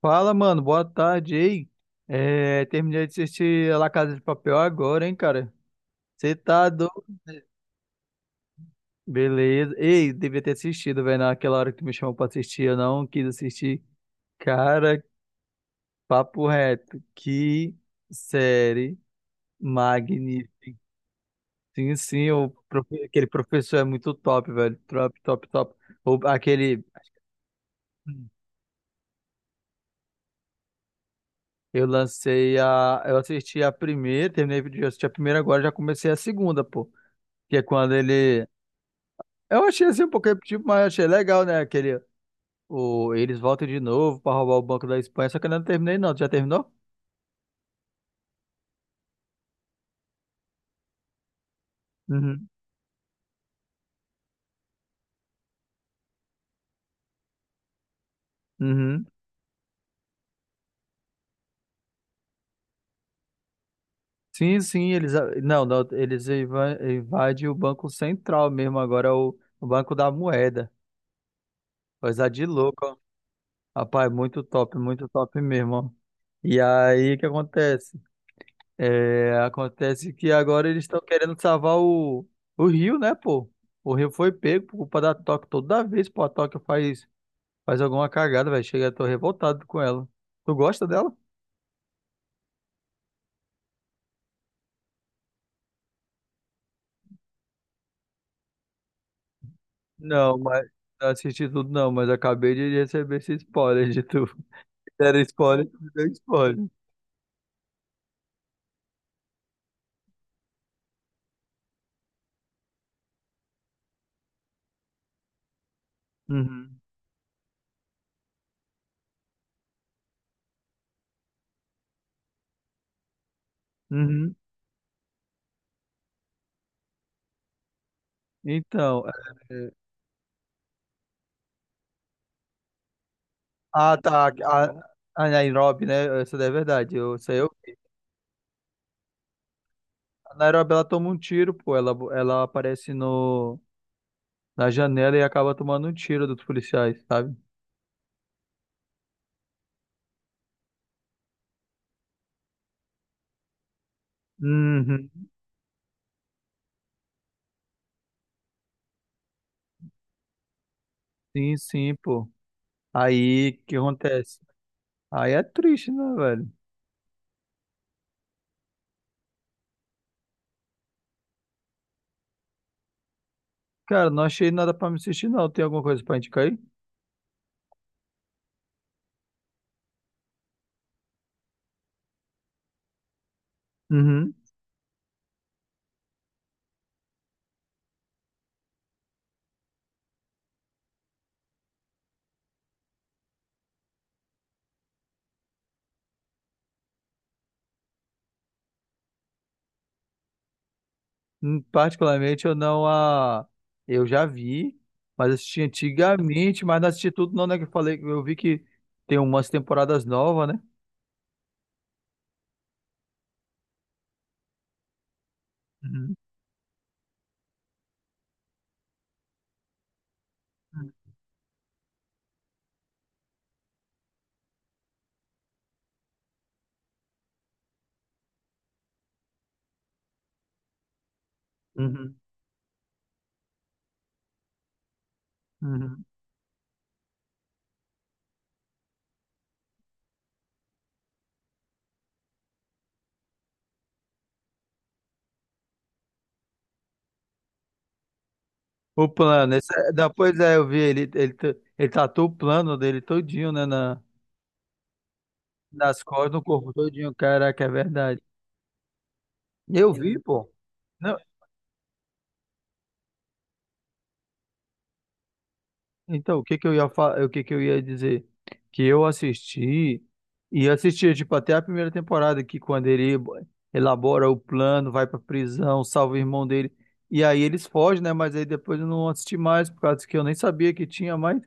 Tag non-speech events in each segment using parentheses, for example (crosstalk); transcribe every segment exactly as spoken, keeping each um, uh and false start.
Fala, mano, boa tarde, ei. É, terminei de assistir La Casa de Papel agora, hein, cara? Você tá do... Beleza. Ei, devia ter assistido, velho, naquela hora que me chamou pra assistir, eu não quis assistir. Cara, papo reto, que série magnífica. Sim, sim, o profe- aquele professor é muito top, velho. Top, top, top. O- aquele... Eu lancei a... Eu assisti a primeira, terminei de assistir a primeira, agora já comecei a segunda, pô. Que é quando ele... Eu achei assim um pouco repetitivo, mas achei legal, né? Aquele. O, eles voltam de novo pra roubar o Banco da Espanha, só que eu ainda não terminei, não. Tu já terminou? Uhum. Uhum. Sim, sim, eles. a- Não, não, eles inva- invadem o Banco Central mesmo, agora é o, o Banco da Moeda. Coisa de louco, ó. Rapaz, muito top, muito top mesmo, ó. E aí, o que acontece? É, acontece que agora eles estão querendo salvar o, o Rio, né, pô? O Rio foi pego por culpa da Tóquio toda vez, pô. A Tóquio faz... Faz alguma cagada, velho. Chega, tô revoltado com ela. Tu gosta dela? Não, mas não assisti tudo, não, mas acabei de receber esse spoiler de tu. (laughs) Era spoiler, tu me deu spoiler. Uhum. Uhum. Então, é, ah, tá. A, a Nairobi, né? Essa daí é verdade. Eu sei. Eu, a Nairobi, ela toma um tiro, pô. Ela, ela aparece no, na janela e acaba tomando um tiro dos policiais, sabe? Uhum. Sim, sim, pô. Aí, o que acontece? Aí é triste, né, velho? Cara, não achei nada pra me assistir, não. Tem alguma coisa pra indicar aí? Uhum. Hum, particularmente, eu não a. Eu já vi, mas assisti antigamente, mas não assisti tudo, não, né? Que eu falei, eu vi que tem umas temporadas novas, né? Uhum. Uhum. Uhum. O plano, esse, é, depois é, eu vi ele, ele, ta- ele tatuou o plano dele todinho, né? Na, nas costas, no corpo todinho. Caraca, é verdade. Eu vi, pô. Então, o que que eu ia fa... o que que eu ia dizer? Que eu assisti e assisti tipo até a primeira temporada que quando ele elabora o plano, vai pra prisão, salva o irmão dele e aí eles fogem, né? Mas aí depois eu não assisti mais por causa que eu nem sabia que tinha mais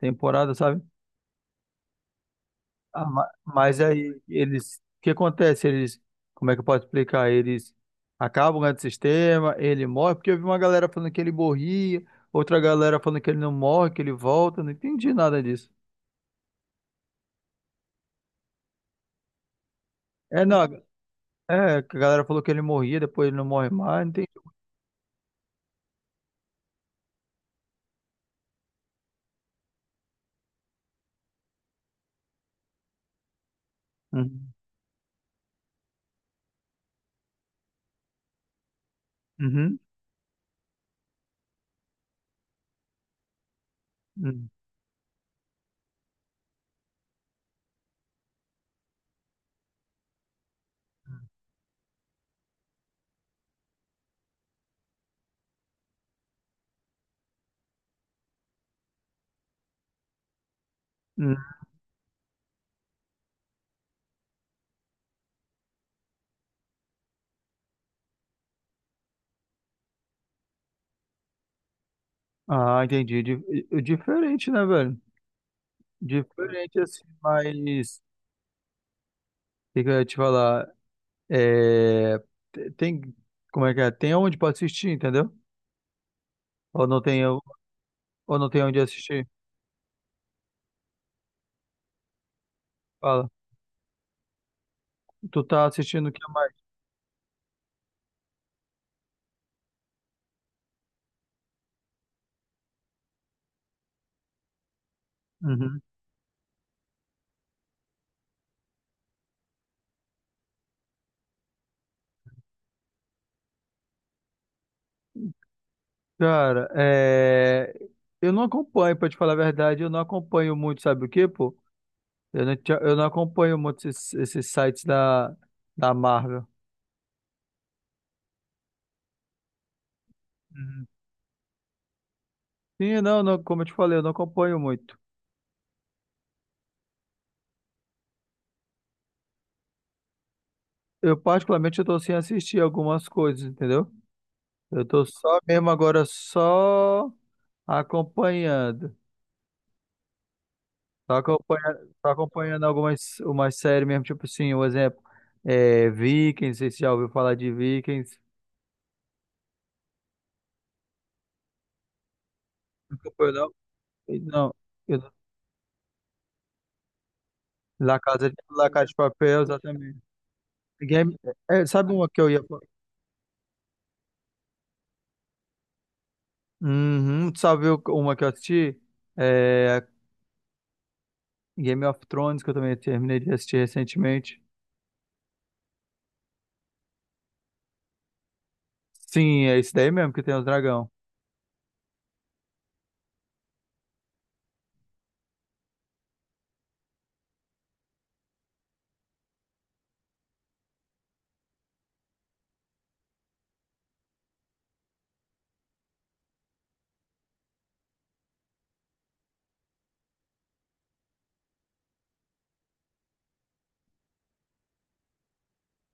temporada, sabe? Ah, ma- mas aí eles, o que acontece? Eles, como é que eu posso explicar? Eles acabam ganhando o sistema, ele morre, porque eu vi uma galera falando que ele morria, outra galera falando que ele não morre, que ele volta, não entendi nada disso. É, não, é, que a galera falou que ele morria, depois ele não morre mais, entendi. Uhum. Uhum. Uhum. Uhum. Ah, entendi. Di- eh, Diferente, né, velho? Diferente, assim, mas. O que que eu ia te falar? É, te- tem. Como é que é? Tem onde pra assistir, entendeu? Ou não tem, ou não tem onde assistir? Fala. Tu tá assistindo o que mais? Uhum. Cara, é. Eu não acompanho, pra te falar a verdade, eu não acompanho muito, sabe o quê, pô? Eu não, tinha- eu não acompanho muito esses, esses sites da, da Marvel. Uhum. Sim, não, não, como eu te falei, eu não acompanho muito. Eu, particularmente, eu tô sem assistir algumas coisas, entendeu? Eu tô só mesmo agora, só acompanhando. Só acompanhando, só acompanhando algumas umas séries mesmo, tipo assim, um exemplo. É, Vikings, você já ouviu falar de Vikings? Não acompanho, não. Não, eu, La Casa, de- La Casa de Papel, exatamente. Game, é, sabe uma que eu ia. Uhum. Tu sabe o- uma que eu assisti? É Game of Thrones, que eu também terminei de assistir recentemente. Sim, é esse daí mesmo que tem os dragão.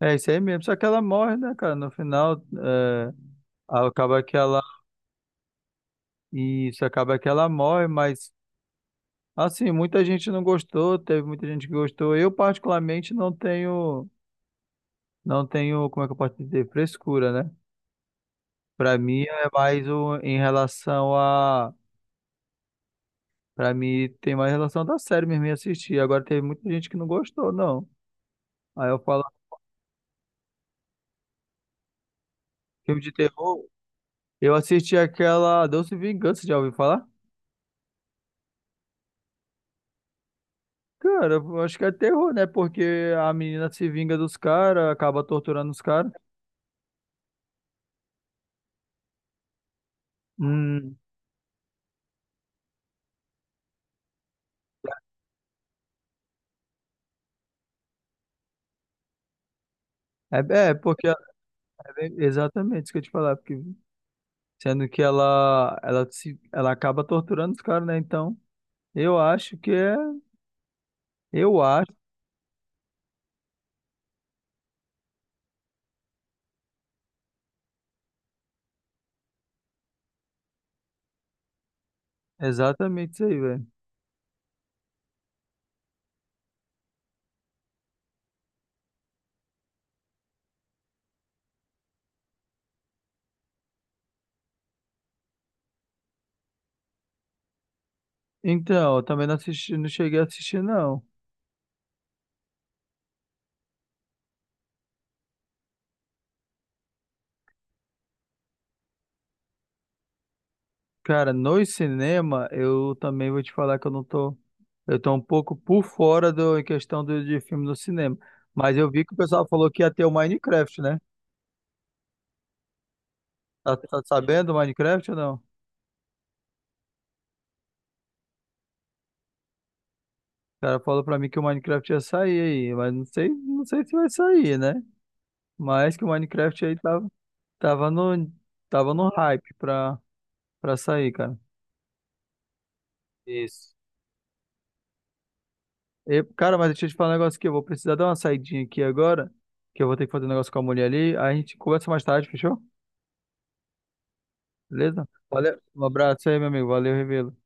É esse aí mesmo, só que ela morre, né, cara? No final, é, acaba que ela. Isso, acaba que ela morre, mas assim, muita gente não gostou, teve muita gente que gostou. Eu, particularmente, não tenho. Não tenho, como é que eu posso dizer? Frescura, né? Pra mim é mais o, em relação... Pra mim tem mais relação da série mesmo, e assistir. Agora teve muita gente que não gostou, não. Aí eu falo, filme de terror, eu assisti aquela Doce Vingança, já ouviu falar? Cara, eu acho que é terror, né? Porque a menina se vinga dos caras, acaba torturando os caras. Hum, é, é, porque é bem- exatamente isso que eu ia te falar, porque sendo que ela ela se ela acaba torturando os caras, né? Então, eu acho que é, eu acho exatamente isso aí, velho. Então, eu também não assisti, não cheguei a assistir, não. Cara, no cinema, eu também vou te falar que eu não tô. Eu tô um pouco por fora do, em questão do, de filme no cinema. Mas eu vi que o pessoal falou que ia ter o Minecraft, né? Tá, tá sabendo o Minecraft ou não? O cara falou pra mim que o Minecraft ia sair aí, mas não sei, não sei se vai sair, né? Mas que o Minecraft aí tava, tava no, tava no hype pra, pra sair, cara. Isso. E, cara, mas deixa eu te falar um negócio aqui. Eu vou precisar dar uma saidinha aqui agora, que eu vou ter que fazer um negócio com a mulher ali. Aí a gente conversa mais tarde, fechou? Beleza? Valeu. Um abraço aí, meu amigo. Valeu, Revelo.